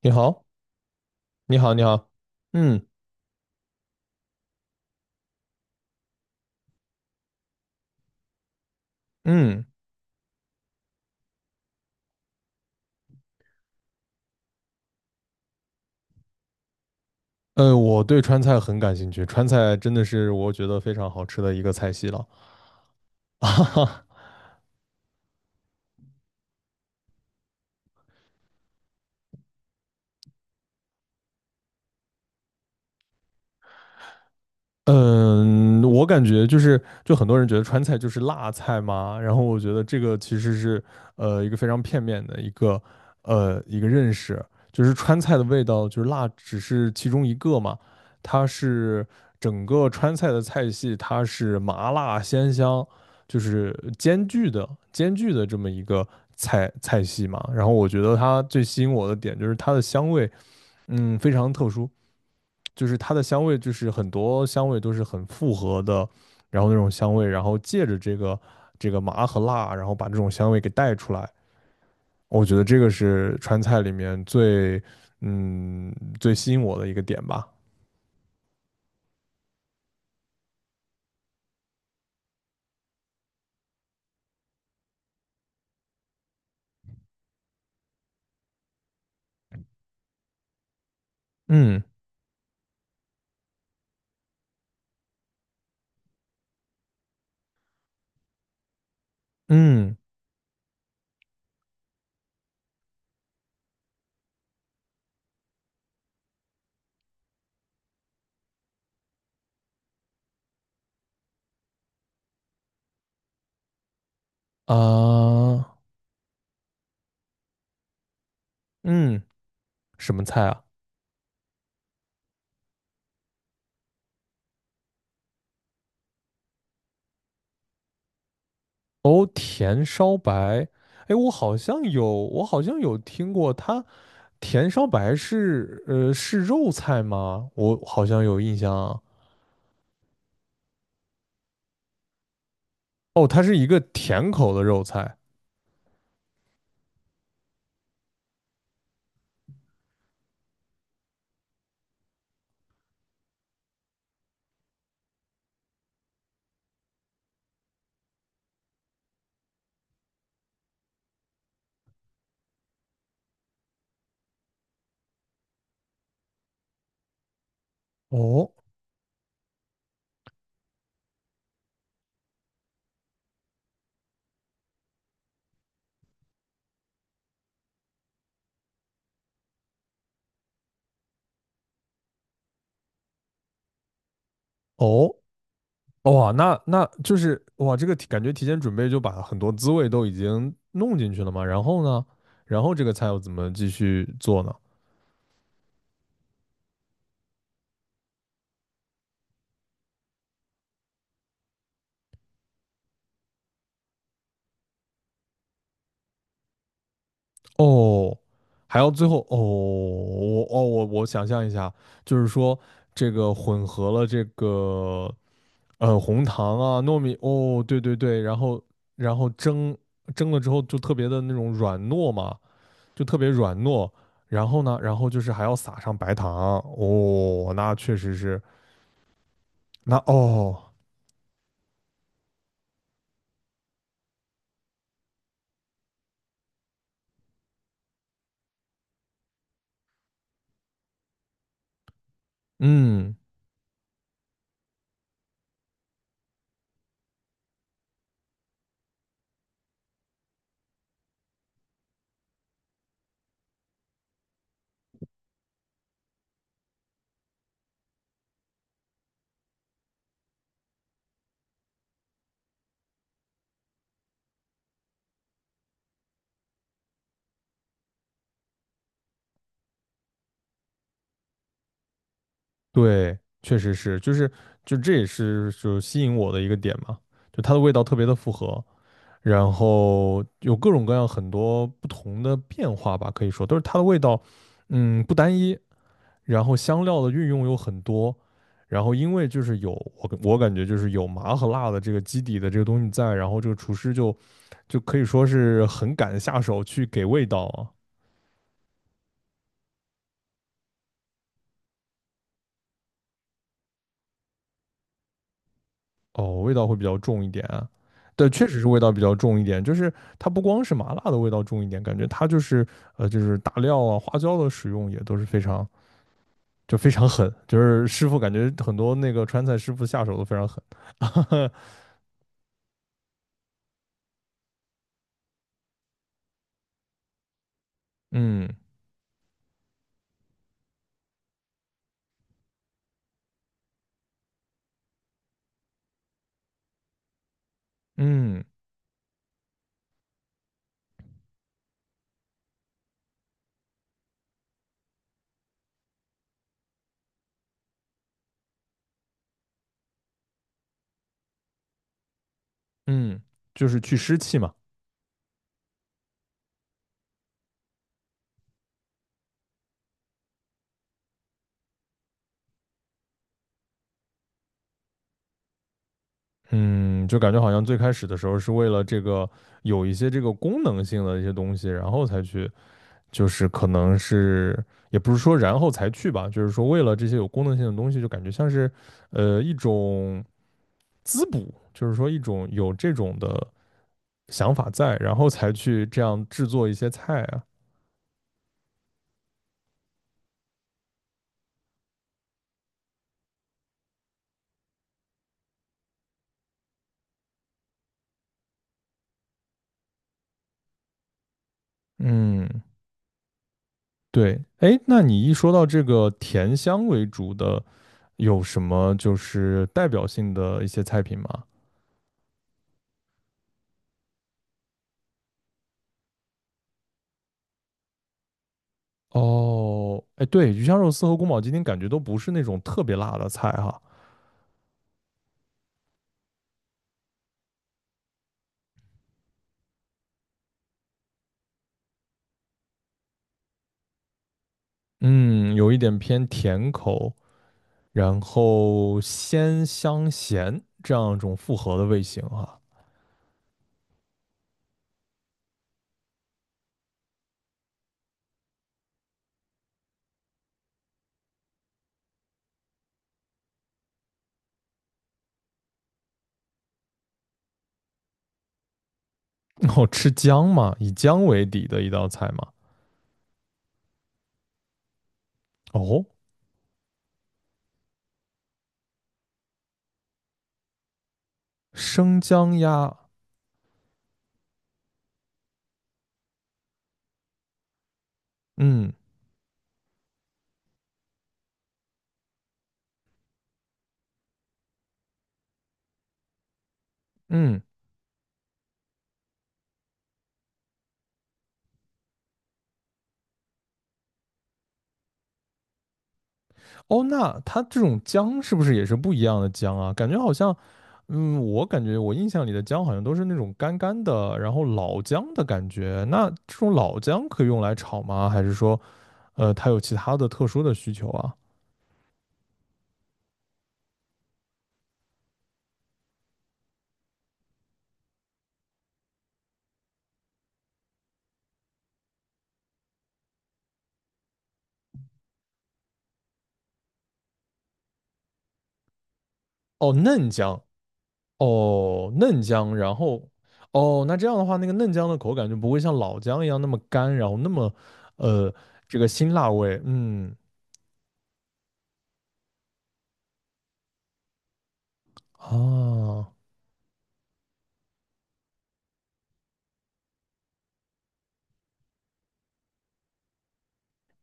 你好，你好，你好。嗯嗯。我对川菜很感兴趣，川菜真的是我觉得非常好吃的一个菜系了。啊。嗯，我感觉就是，就很多人觉得川菜就是辣菜嘛，然后我觉得这个其实是一个非常片面的一个一个认识，就是川菜的味道就是辣只是其中一个嘛，它是整个川菜的菜系，它是麻辣鲜香就是兼具的这么一个菜系嘛，然后我觉得它最吸引我的点就是它的香味。嗯，非常特殊。就是它的香味就是很多香味都是很复合的，然后那种香味，然后借着这个麻和辣，然后把这种香味给带出来。我觉得这个是川菜里面最嗯最吸引我的一个点吧。嗯嗯。啊、嗯，什么菜啊？哦，甜烧白。哎，我好像有听过它。甜烧白是是肉菜吗？我好像有印象啊。哦，它是一个甜口的肉菜。哦哦，哇，那就是哇，这个感觉提前准备就把很多滋味都已经弄进去了嘛。然后呢，然后这个菜要怎么继续做呢？哦，还要最后哦，我想象一下，就是说这个混合了这个红糖啊糯米哦，对对对，然后然后蒸蒸了之后就特别的那种软糯嘛。就特别软糯。然后呢，然后就是还要撒上白糖。哦，那确实是。那哦，嗯，对，确实是，就是就这也是就吸引我的一个点嘛，就它的味道特别的复合，然后有各种各样很多不同的变化吧，可以说都是它的味道。嗯，不单一，然后香料的运用有很多，然后因为就是有我感觉就是有麻和辣的这个基底的这个东西在，然后这个厨师就可以说是很敢下手去给味道啊。哦，味道会比较重一点啊。对，确实是味道比较重一点，就是它不光是麻辣的味道重一点，感觉它就是就是大料啊花椒的使用也都是非常就非常狠，就是师傅感觉很多那个川菜师傅下手都非常狠。嗯嗯嗯，就是去湿气嘛。嗯，就感觉好像最开始的时候是为了这个有一些这个功能性的一些东西，然后才去，就是可能是也不是说然后才去吧，就是说为了这些有功能性的东西，就感觉像是一种滋补，就是说一种有这种的想法在，然后才去这样制作一些菜啊。嗯，对，哎，那你一说到这个甜香为主的，有什么就是代表性的一些菜品吗？哦，哎，对，鱼香肉丝和宫保鸡丁感觉都不是那种特别辣的菜哈。嗯，有一点偏甜口，然后鲜香咸这样一种复合的味型哈。哦，吃姜嘛，以姜为底的一道菜嘛。哦，生姜鸭。嗯。嗯，哦，那它这种姜是不是也是不一样的姜啊？感觉好像，嗯，我感觉我印象里的姜好像都是那种干干的，然后老姜的感觉。那这种老姜可以用来炒吗？还是说，它有其他的特殊的需求啊？哦，嫩姜。哦，嫩姜，然后，哦，那这样的话，那个嫩姜的口感就不会像老姜一样那么干，然后那么，呃，这个辛辣味。嗯。啊，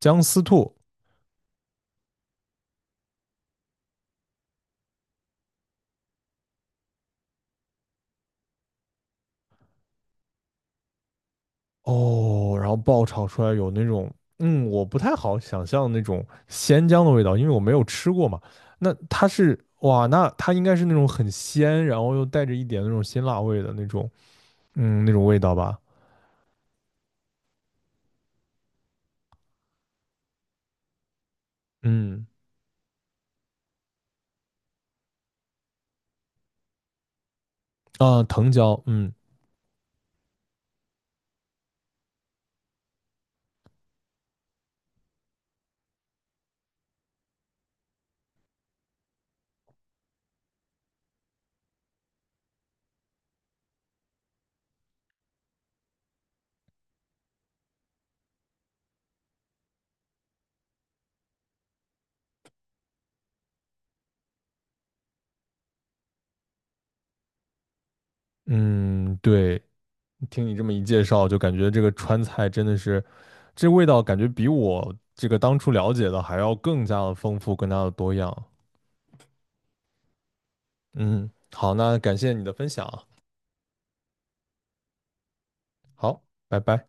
姜丝兔。哦，然后爆炒出来有那种，嗯，我不太好想象那种鲜姜的味道，因为我没有吃过嘛。那它是，哇，那它应该是那种很鲜，然后又带着一点那种辛辣味的那种，嗯，那种味道吧。嗯。啊，藤椒。嗯嗯，对，听你这么一介绍，就感觉这个川菜真的是，这味道感觉比我这个当初了解的还要更加的丰富，更加的多样。嗯，好，那感谢你的分享啊。好，拜拜。